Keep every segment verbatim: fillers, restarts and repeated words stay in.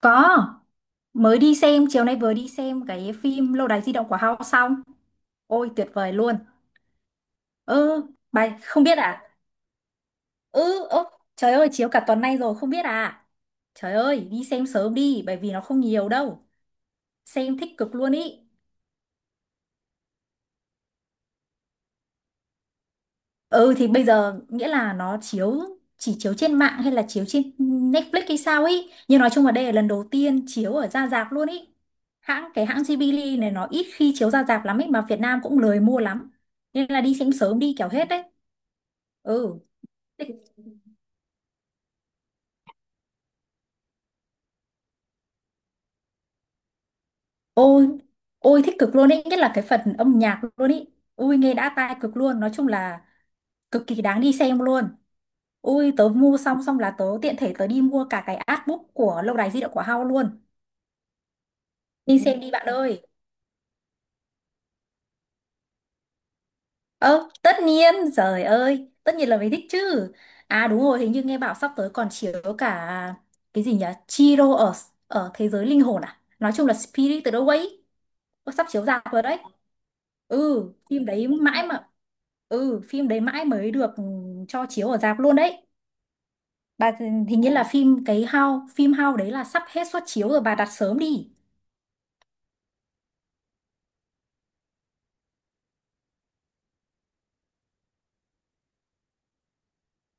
Có, mới đi xem, chiều nay vừa đi xem cái phim Lâu đài di động của Hao xong. Ôi tuyệt vời luôn. Ừ, bài không biết à? Ừ, ơ, trời ơi chiếu cả tuần nay rồi không biết à? Trời ơi, đi xem sớm đi bởi vì nó không nhiều đâu. Xem thích cực luôn ý. Ừ thì bây giờ nghĩa là nó chiếu chỉ chiếu trên mạng hay là chiếu trên Netflix hay sao ấy. Nhưng nói chung là đây là lần đầu tiên chiếu ở ra rạp luôn ý. Hãng cái hãng Ghibli này nó ít khi chiếu ra rạp lắm ấy mà Việt Nam cũng lười mua lắm. Nên là đi xem sớm đi kẻo hết đấy. Ừ. Ôi, ôi thích cực luôn ấy, nhất là cái phần âm nhạc luôn ấy. Ui nghe đã tai cực luôn, nói chung là cực kỳ đáng đi xem luôn. Ui tớ mua xong xong là tớ tiện thể tớ đi mua cả cái artbook của Lâu đài di động của Hao luôn. Đi xem đi bạn ơi. Ơ, tất nhiên, trời ơi, tất nhiên là mình thích chứ. À đúng rồi, hình như nghe bảo sắp tới còn chiếu cả cái gì nhỉ? Chihiro ở ở thế giới linh hồn à? Nói chung là Spirited Away. Ơ, sắp chiếu rạp rồi đấy. Ừ, phim đấy mãi mà ừ, phim đấy mãi mới được ừ, cho chiếu ở rạp luôn đấy. Bà hình như là phim cái How, phim How đấy là sắp hết suất chiếu rồi bà đặt sớm đi.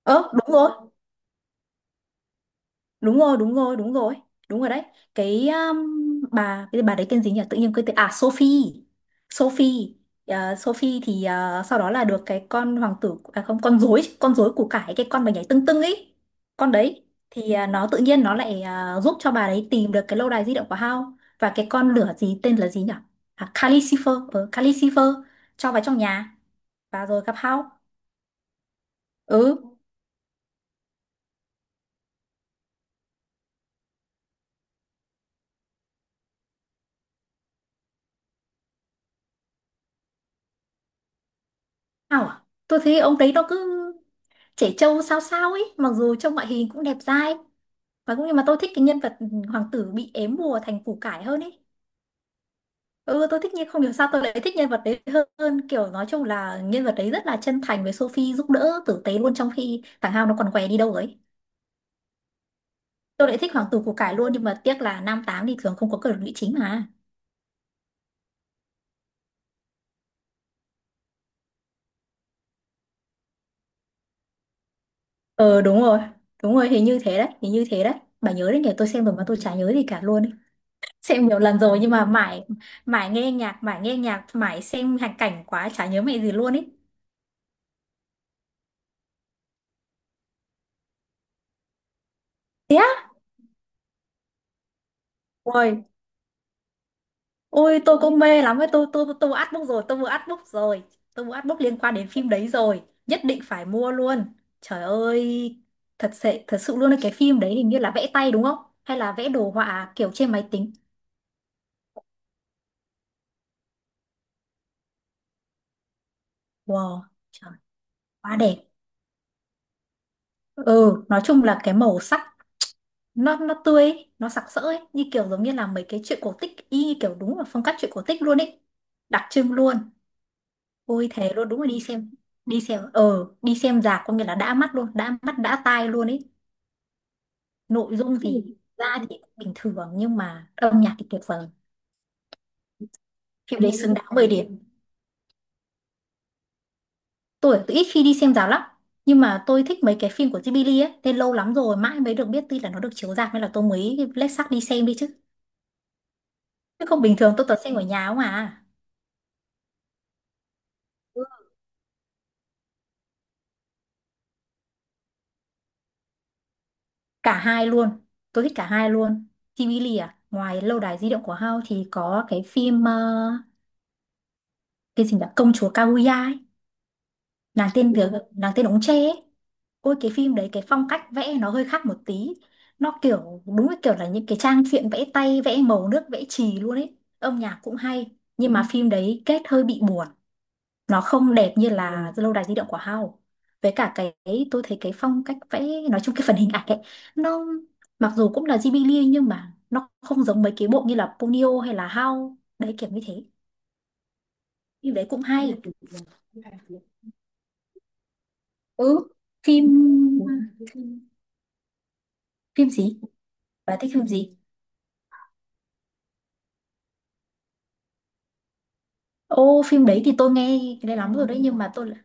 Ơ, đúng rồi, đúng rồi, đúng rồi, đúng rồi, đúng rồi đấy. Cái um, bà, cái bà đấy tên gì nhỉ, tự nhiên quên tên, à Sophie Sophie Ờ, Sophie thì ờ, sau đó là được cái con hoàng tử à không, con rối, con rối của cải cái con mà nhảy tưng tưng ấy, con đấy thì ờ, nó tự nhiên nó lại ờ, giúp cho bà đấy tìm được cái lâu đài di động của Hao, và cái con lửa gì tên là gì nhỉ, à, Calcifer ờ, Calcifer cho vào trong nhà và rồi gặp Hao. Ừ. À, tôi thấy ông đấy nó cứ trẻ trâu sao sao ấy, mặc dù trông ngoại hình cũng đẹp dai, và cũng nhưng mà tôi thích cái nhân vật hoàng tử bị ém bùa thành củ cải hơn ấy. Ừ, tôi thích, nhưng không hiểu sao tôi lại thích nhân vật đấy hơn, kiểu nói chung là nhân vật đấy rất là chân thành với Sophie, giúp đỡ tử tế luôn, trong khi thằng Hao nó còn què đi đâu ấy. Tôi lại thích hoàng tử củ cải luôn, nhưng mà tiếc là nam tám thì thường không có cờ lụy chính mà. Ờ đúng rồi, đúng rồi, hình như thế đấy, hình như thế đấy. Bà nhớ đấy nhỉ, tôi xem rồi mà tôi chả nhớ gì cả luôn. Xem nhiều lần rồi nhưng mà mãi, mãi nghe nhạc, mãi nghe nhạc, mãi xem hành cảnh quá, chả nhớ mẹ gì luôn ý. Thế á? Ôi, ôi tôi cũng mê lắm ấy, tôi tôi tôi mua artbook rồi, tôi mua artbook rồi, tôi mua artbook liên quan đến phim đấy rồi, nhất định phải mua luôn. Trời ơi, thật sự, thật sự luôn ấy, cái phim đấy hình như là vẽ tay đúng không, hay là vẽ đồ họa kiểu trên máy tính. Wow, trời, quá đẹp. Ừ, nói chung là cái màu sắc nó nó tươi ấy, nó sặc sỡ ấy, như kiểu giống như là mấy cái truyện cổ tích, y như kiểu đúng là phong cách truyện cổ tích luôn ấy, đặc trưng luôn. Ôi thế luôn, đúng là đi xem, đi xem ờ đi xem rạp có nghĩa là đã mắt luôn, đã mắt đã tai luôn ấy. Nội dung, Ừ. thì Ừ. Ra thì cũng bình thường nhưng mà âm nhạc thì tuyệt vời. Phim đấy xứng, Ừ. đáng mười điểm. Tôi tôi ít khi đi xem rạp lắm, nhưng mà tôi thích mấy cái phim của Ghibli ấy, tên lâu lắm rồi mãi mới được biết tuy là nó được chiếu rạp, nên là tôi mới lết xác đi xem đi chứ, chứ không bình thường tôi toàn xem ở nhà không à. Cả hai luôn, tôi thích cả hai luôn. ti vi à, ngoài lâu đài di động của Hao thì có cái phim ờ, cái gì nhỉ, công chúa Kaguya ấy, nàng tên việc nàng tên ống tre ấy. Ôi cái phim đấy cái phong cách vẽ nó hơi khác một tí, nó kiểu đúng cái kiểu là những cái trang truyện vẽ tay, vẽ màu nước, vẽ chì luôn ấy, âm nhạc cũng hay. Nhưng mà phim đấy kết hơi bị buồn, nó không đẹp như là lâu đài di động của Hao. Với cả cái, tôi thấy cái phong cách vẽ, nói chung cái phần hình ảnh ấy, nó mặc dù cũng là Ghibli nhưng mà nó không giống mấy cái bộ như là Ponyo hay là Hao đấy, kiểu như thế. Phim đấy cũng hay. Ừ. phim phim gì, bà thích phim gì? Ô phim đấy thì tôi nghe cái đấy lắm rồi đấy nhưng mà tôi lại-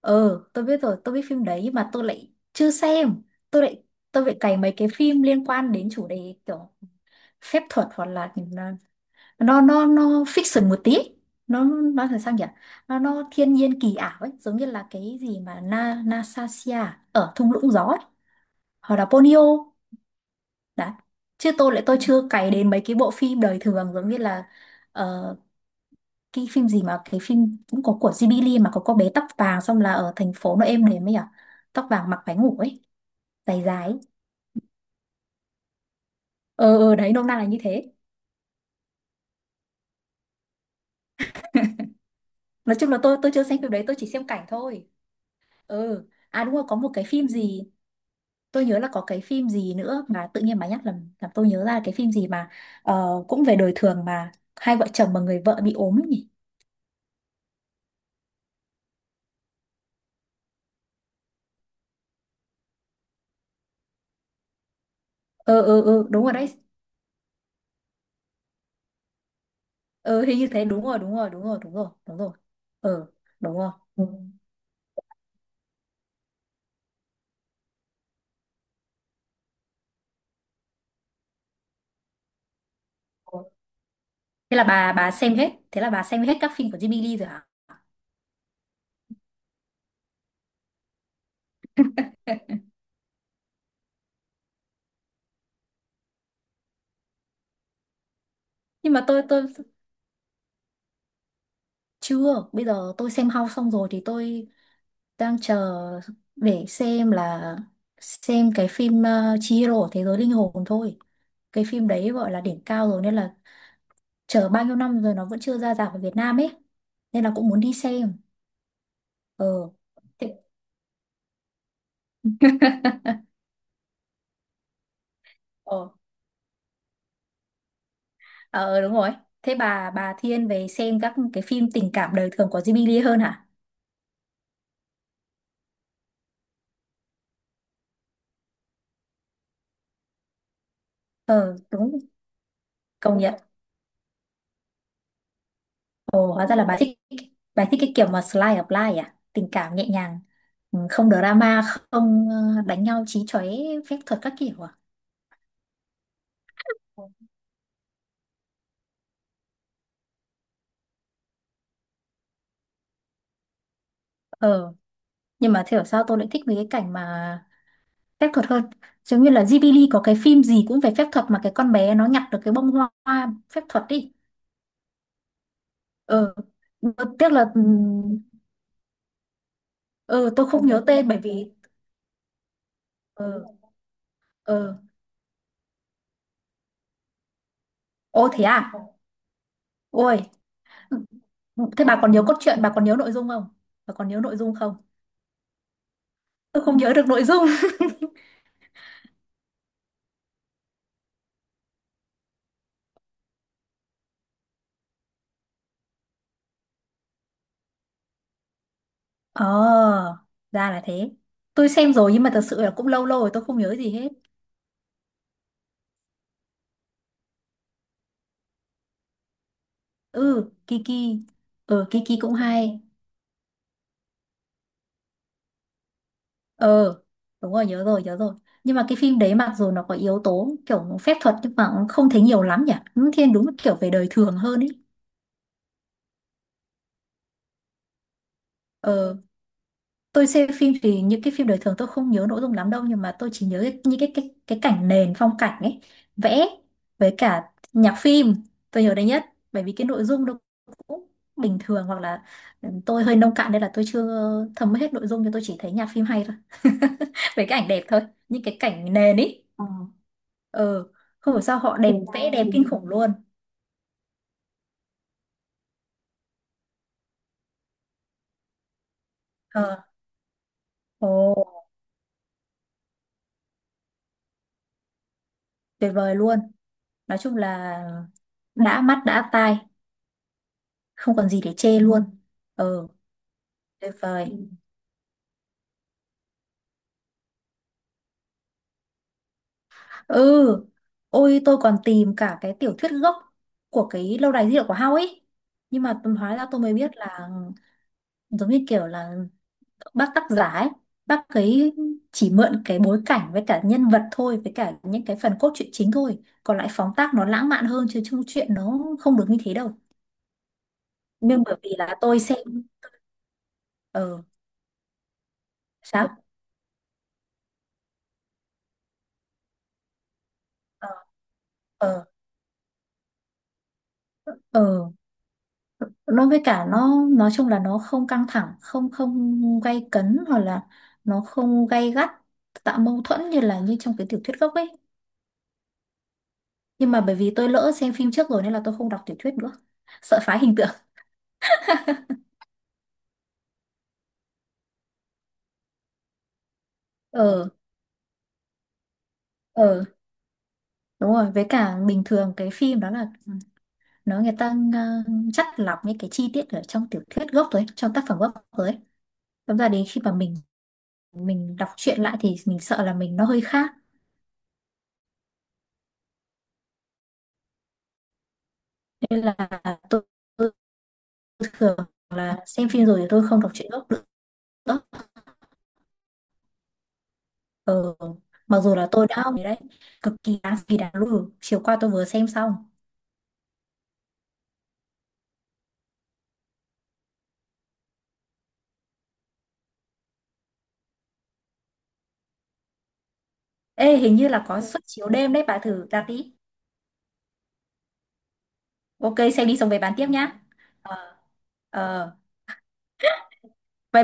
ờ tôi biết rồi, tôi biết phim đấy nhưng mà tôi lại chưa xem. tôi lại tôi lại cày mấy cái phim liên quan đến chủ đề kiểu phép thuật hoặc là à, nó nó nó fiction một tí, nó nó là sao nhỉ, nó nó thiên nhiên kỳ ảo ấy, giống như là cái gì mà Na Nasasia ở thung lũng gió ấy, hoặc là Ponyo đấy. Chứ tôi lại, tôi chưa cày đến mấy cái bộ phim đời thường giống như là ờ, cái phim gì mà cái phim cũng có của Ghibli mà có cô bé tóc vàng xong là ở thành phố nó êm đềm ấy à, tóc vàng mặc váy ngủ ấy, dài dài ấy. Ờ ờ đấy, nôm na là như thế. Nói chung là tôi tôi chưa xem phim đấy, tôi chỉ xem cảnh thôi. Ừ. À đúng rồi có một cái phim gì, tôi nhớ là có cái phim gì nữa mà tự nhiên bà nhắc làm làm tôi nhớ ra cái phim gì mà ờ, cũng về đời thường mà hai vợ chồng mà người vợ bị ốm ấy nhỉ. Ờ ờ ờ đúng rồi đấy. Ờ hình như thế, đúng rồi, đúng rồi, đúng rồi, đúng rồi, đúng rồi. Ờ đúng rồi. Thế là bà, bà xem hết thế là bà xem hết các phim của Jimmy Lee rồi hả? Nhưng mà tôi tôi chưa, bây giờ tôi xem House xong rồi thì tôi đang chờ để xem là, xem cái phim uh, Chihiro thế giới linh hồn thôi. Cái phim đấy gọi là đỉnh cao rồi nên là, chờ bao nhiêu năm rồi nó vẫn chưa ra rạp ở Việt Nam ấy, nên là cũng muốn đi xem. Ờ thế, ờ, ờ đúng rồi. Thế bà bà thiên về xem các cái phim tình cảm đời thường của Jimmy Lee hơn hả? Ờ đúng, công nhận. Ồ hóa ra là bà thích, bà thích cái kiểu mà slice of life à, tình cảm nhẹ nhàng, ừ, không drama, không ờ, đánh nhau chí chóe, phép thuật các kiểu à? Ờ, nhưng mà thế ở sao tôi lại thích mấy cái cảnh mà phép thuật hơn, giống như là Ghibli có cái phim gì cũng về phép thuật mà cái con bé nó nhặt được cái bông hoa, hoa phép thuật đi. Ờ. Ừ. Tiếc là ừm, ờ tôi không nhớ tên bởi vì ờ. Ờ, ô thế à. Ôi thế bà còn nhớ cốt truyện, bà còn nhớ nội dung không, bà còn nhớ nội dung không? Tôi không nhớ được nội dung. Ờ, ra là thế. Tôi xem rồi nhưng mà thật sự là cũng lâu lâu rồi tôi không nhớ gì hết. Ừ Kiki, ừ Kiki cũng hay. Ờ đúng rồi, nhớ rồi, nhớ rồi. Nhưng mà cái phim đấy mặc dù nó có yếu tố kiểu phép thuật nhưng mà cũng không thấy nhiều lắm nhỉ, nó thiên đúng là kiểu về đời thường hơn ý. Ờ, tôi xem phim thì những cái phim đời thường tôi không nhớ nội dung lắm đâu, nhưng mà tôi chỉ nhớ cái, những cái cái cái cảnh nền phong cảnh ấy, vẽ, với cả nhạc phim tôi nhớ đấy nhất, bởi vì cái nội dung nó cũng bình thường, hoặc là ừ, tôi hơi nông cạn nên là tôi chưa thấm hết nội dung, nhưng tôi chỉ thấy nhạc phim hay thôi với cái ảnh đẹp thôi, những cái cảnh nền ý. Ờ, không hiểu sao họ đẹp, vẽ dáng đẹp kinh khủng luôn. Ờ, ồ tuyệt vời luôn, nói chung là đã mắt đã tai, không còn gì để chê luôn. Ờ tuyệt vời. Ừ. Ừ. Ôi tôi còn tìm cả cái tiểu thuyết gốc của cái lâu đài di động của Hao ấy, nhưng mà tôi, hóa ra tôi mới biết là giống như kiểu là bác tác giả ấy, bác ấy chỉ mượn cái bối cảnh với cả nhân vật thôi, với cả những cái phần cốt truyện chính thôi, còn lại phóng tác nó lãng mạn hơn chứ chung chuyện nó không được như thế đâu. Nhưng bởi vì là tôi xem. Ờ, sao, ờ ờ ờ, nó với cả nó nói chung là nó không căng thẳng, không, không gay cấn, hoặc là nó không gay gắt, tạo mâu thuẫn như là như trong cái tiểu thuyết gốc ấy. Nhưng mà bởi vì tôi lỡ xem phim trước rồi nên là tôi không đọc tiểu thuyết nữa, sợ phá hình tượng. Ờ, ờ đúng rồi, với cả bình thường cái phim đó là ừ, nó người ta uh, chắt lọc những cái chi tiết ở trong tiểu thuyết gốc rồi ấy, trong tác phẩm gốc rồi ấy. Thật ra đến khi mà mình mình đọc truyện lại thì mình sợ là mình, nó hơi khác nên là tôi, tôi thường là xem phim rồi thì tôi không đọc truyện gốc nữa. Ừ. Mặc dù là tôi đã học đấy, cực kỳ đáng, kỳ đáng lùi, chiều qua tôi vừa xem xong. Ê hình như là có suất chiếu đêm đấy, bà thử đặt đi. OK xem đi xong về bàn tiếp nhá. Ờ vậy.